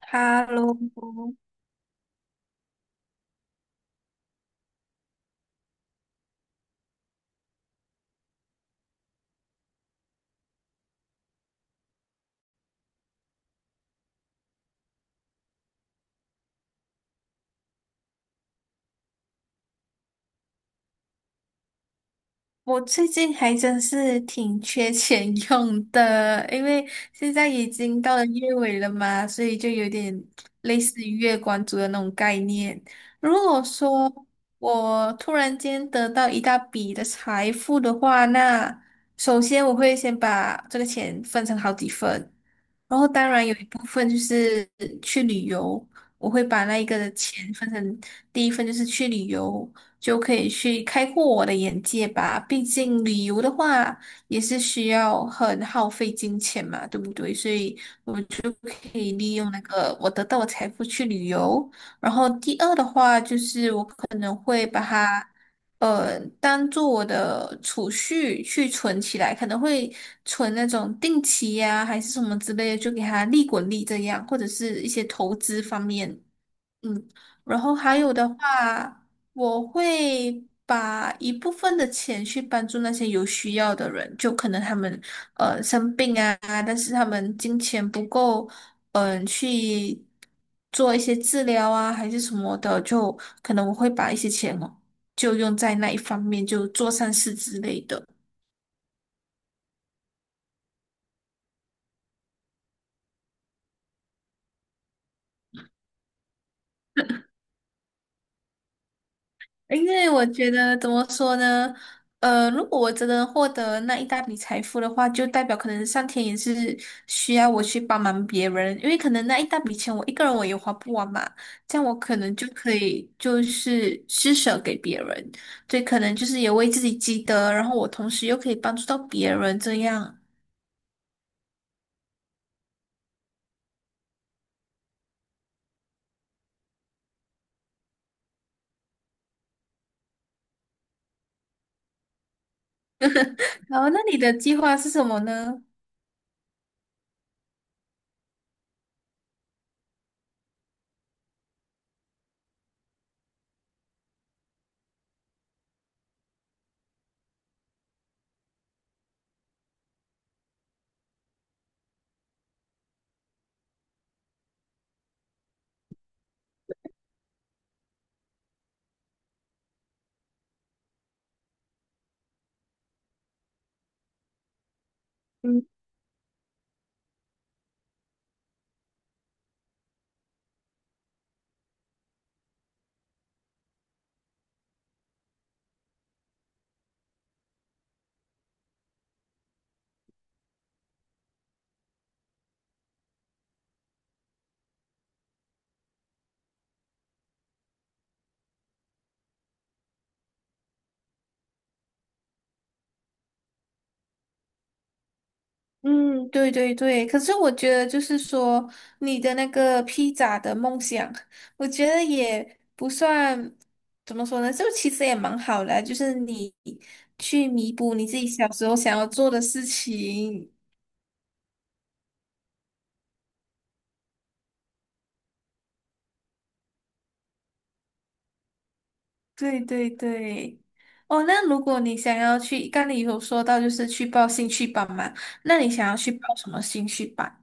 哈喽，我最近还真是挺缺钱用的，因为现在已经到了月尾了嘛，所以就有点类似于月光族的那种概念。如果说我突然间得到一大笔的财富的话，那首先我会先把这个钱分成好几份，然后当然有一部分就是去旅游，我会把那一个的钱分成第一份就是去旅游。就可以去开阔我的眼界吧。毕竟旅游的话也是需要很耗费金钱嘛，对不对？所以就可以利用那个我得到的财富去旅游。然后第二的话就是我当做我的储蓄去存起来，可能会存那种定期呀、还是什么之类的，就给它利滚利这样，或者是一些投资方面。嗯，然后还有的话，我会把一部分的钱去帮助那些有需要的人，就可能他们生病啊，但是他们金钱不够，嗯、去做一些治疗啊，还是什么的，就可能我会把一些钱哦，就用在那一方面，就做善事之类的。因为我觉得怎么说呢？如果我真的获得那一大笔财富的话，就代表可能上天也是需要我去帮忙别人，因为可能那一大笔钱我一个人我也花不完嘛，这样我可能就可以就是施舍给别人，所以可能就是也为自己积德，然后我同时又可以帮助到别人这样。然后那你的计划是什么呢？嗯，对对对，可是我觉得就是说，你的那个披萨的梦想，我觉得也不算怎么说呢，就其实也蛮好的啊就是你去弥补你自己小时候想要做的事情。对对对，哦，那如果你想要去，刚你有说到就是去报兴趣班嘛，那你想要去报什么兴趣班？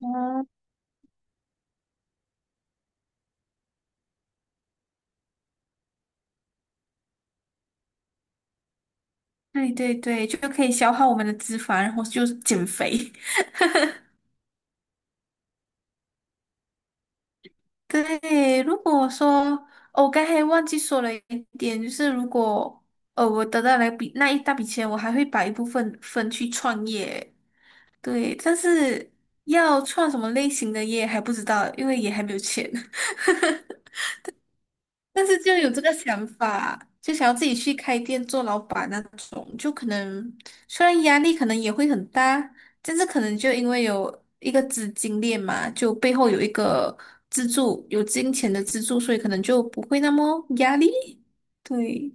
哦，对对对，就可以消耗我们的脂肪，然后就是减肥。对，如果说，哦我刚才忘记说了一点，就是如果我得到那一大笔钱，我还会把一部分分去创业。对，但是要创什么类型的业还不知道，因为也还没有钱。但是就有这个想法，就想要自己去开店做老板那种，就可能虽然压力可能也会很大，但是可能就因为有一个资金链嘛，就背后有一个资助，有金钱的资助，所以可能就不会那么压力。对。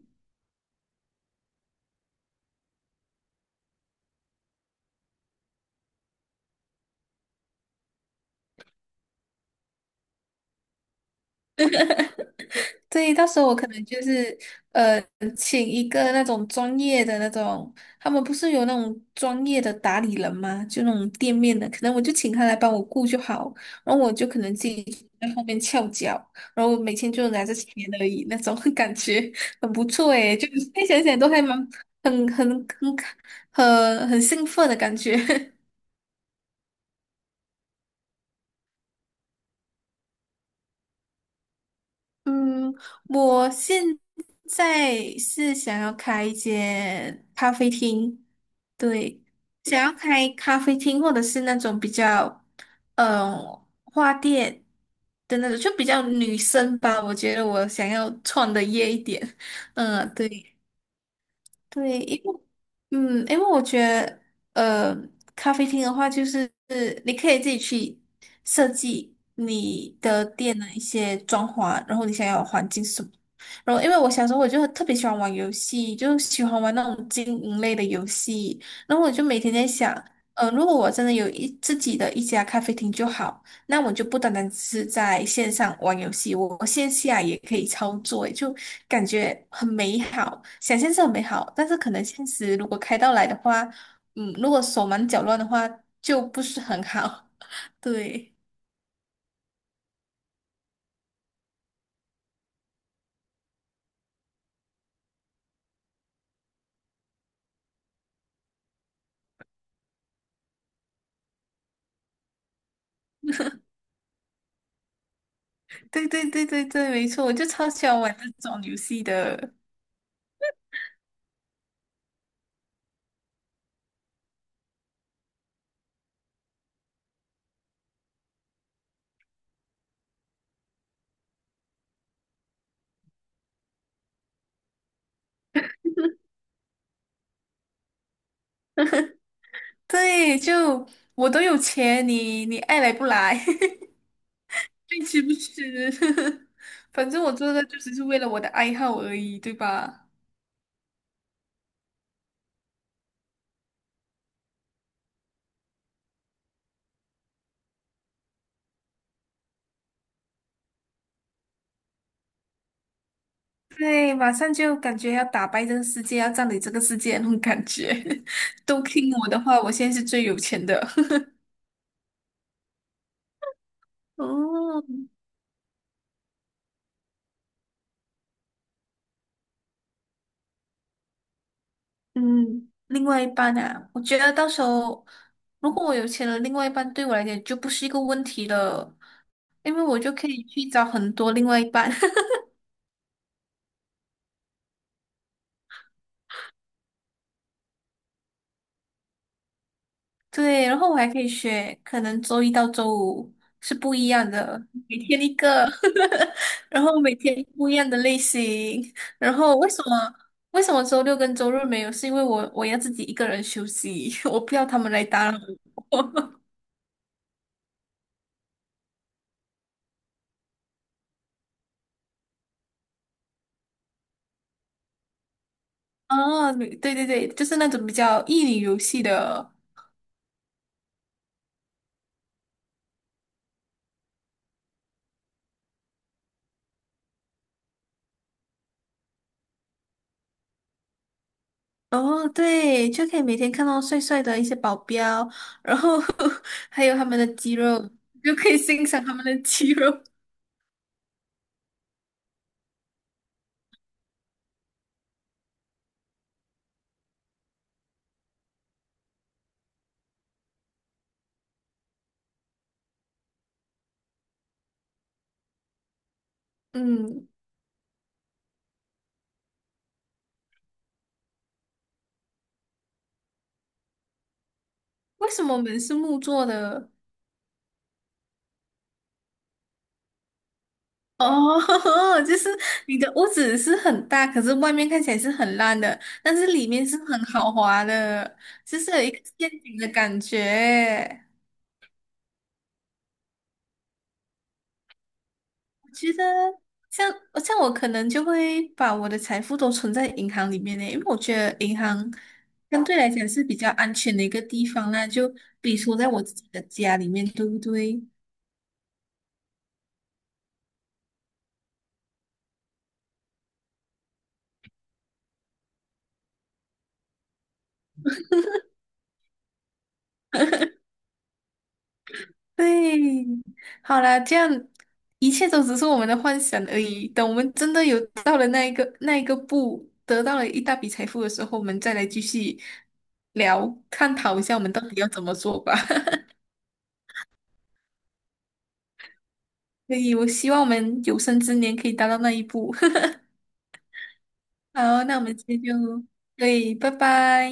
对，到时候我可能就是呃，请一个那种专业的那种，他们不是有那种专业的打理人吗？就那种店面的，可能我就请他来帮我顾就好，然后我就可能自己在后面翘脚，然后我每天就拿着钱而已，那种 感觉很不错诶，就现在想想都还蛮很很很很兴奋的感觉。嗯，我现在是想要开一间咖啡厅，对，想要开咖啡厅或者是那种比较，嗯、花店的那种，就比较女生吧。我觉得我想要创的业一点，嗯，对。对，因为嗯，因为我觉得呃，咖啡厅的话，就是你可以自己去设计你的店的一些装潢，然后你想要的环境是什么。然后，因为我小时候我就特别喜欢玩游戏，就喜欢玩那种经营类的游戏。然后我就每天在想，如果我真的自己的一家咖啡厅就好。那我就不单单只是在线上玩游戏，我线下也可以操作，就感觉很美好，想象是很美好，但是可能现实如果开到来的话，嗯，如果手忙脚乱的话，就不是很好。对，对对对对对，没错，我就超喜欢玩这种游戏的。对，就我都有钱，你爱来不来，爱吃不吃，反正我做的就只是为了我的爱好而已，对吧？对，马上就感觉要打败这个世界，要占领这个世界那种感觉。都听我的话，我现在是最有钱的。哦，嗯，另外一半啊，我觉得到时候如果我有钱了，另外一半对我来讲就不是一个问题了，因为我就可以去找很多另外一半。对，然后我还可以学，可能周一到周五是不一样的，每天一个，然后每天不一样的类型。然后为什么周六跟周日没有？是因为我要自己一个人休息，我不要他们来打扰我。哦，对对对，就是那种比较益女游戏的。哦，对，就可以每天看到帅帅的一些保镖，然后 还有他们的肌肉，就可以欣赏他们的肌肉。嗯，为什么门是木做的？哦，就是你的屋子是很大，可是外面看起来是很烂的，但是里面是很豪华的，就是有一个陷阱的感觉。我觉得像像我可能就会把我的财富都存在银行里面呢，因为我觉得银行相对来讲是比较安全的一个地方啦，就比如说在我自己的家里面，对不对？对，好啦，这样一切都只是我们的幻想而已。等我们真的有到了那一个步，得到了一大笔财富的时候，我们再来继续聊，探讨一下我们到底要怎么做吧。所以，我希望我们有生之年可以达到那一步。好，那我们今天就，对，拜拜。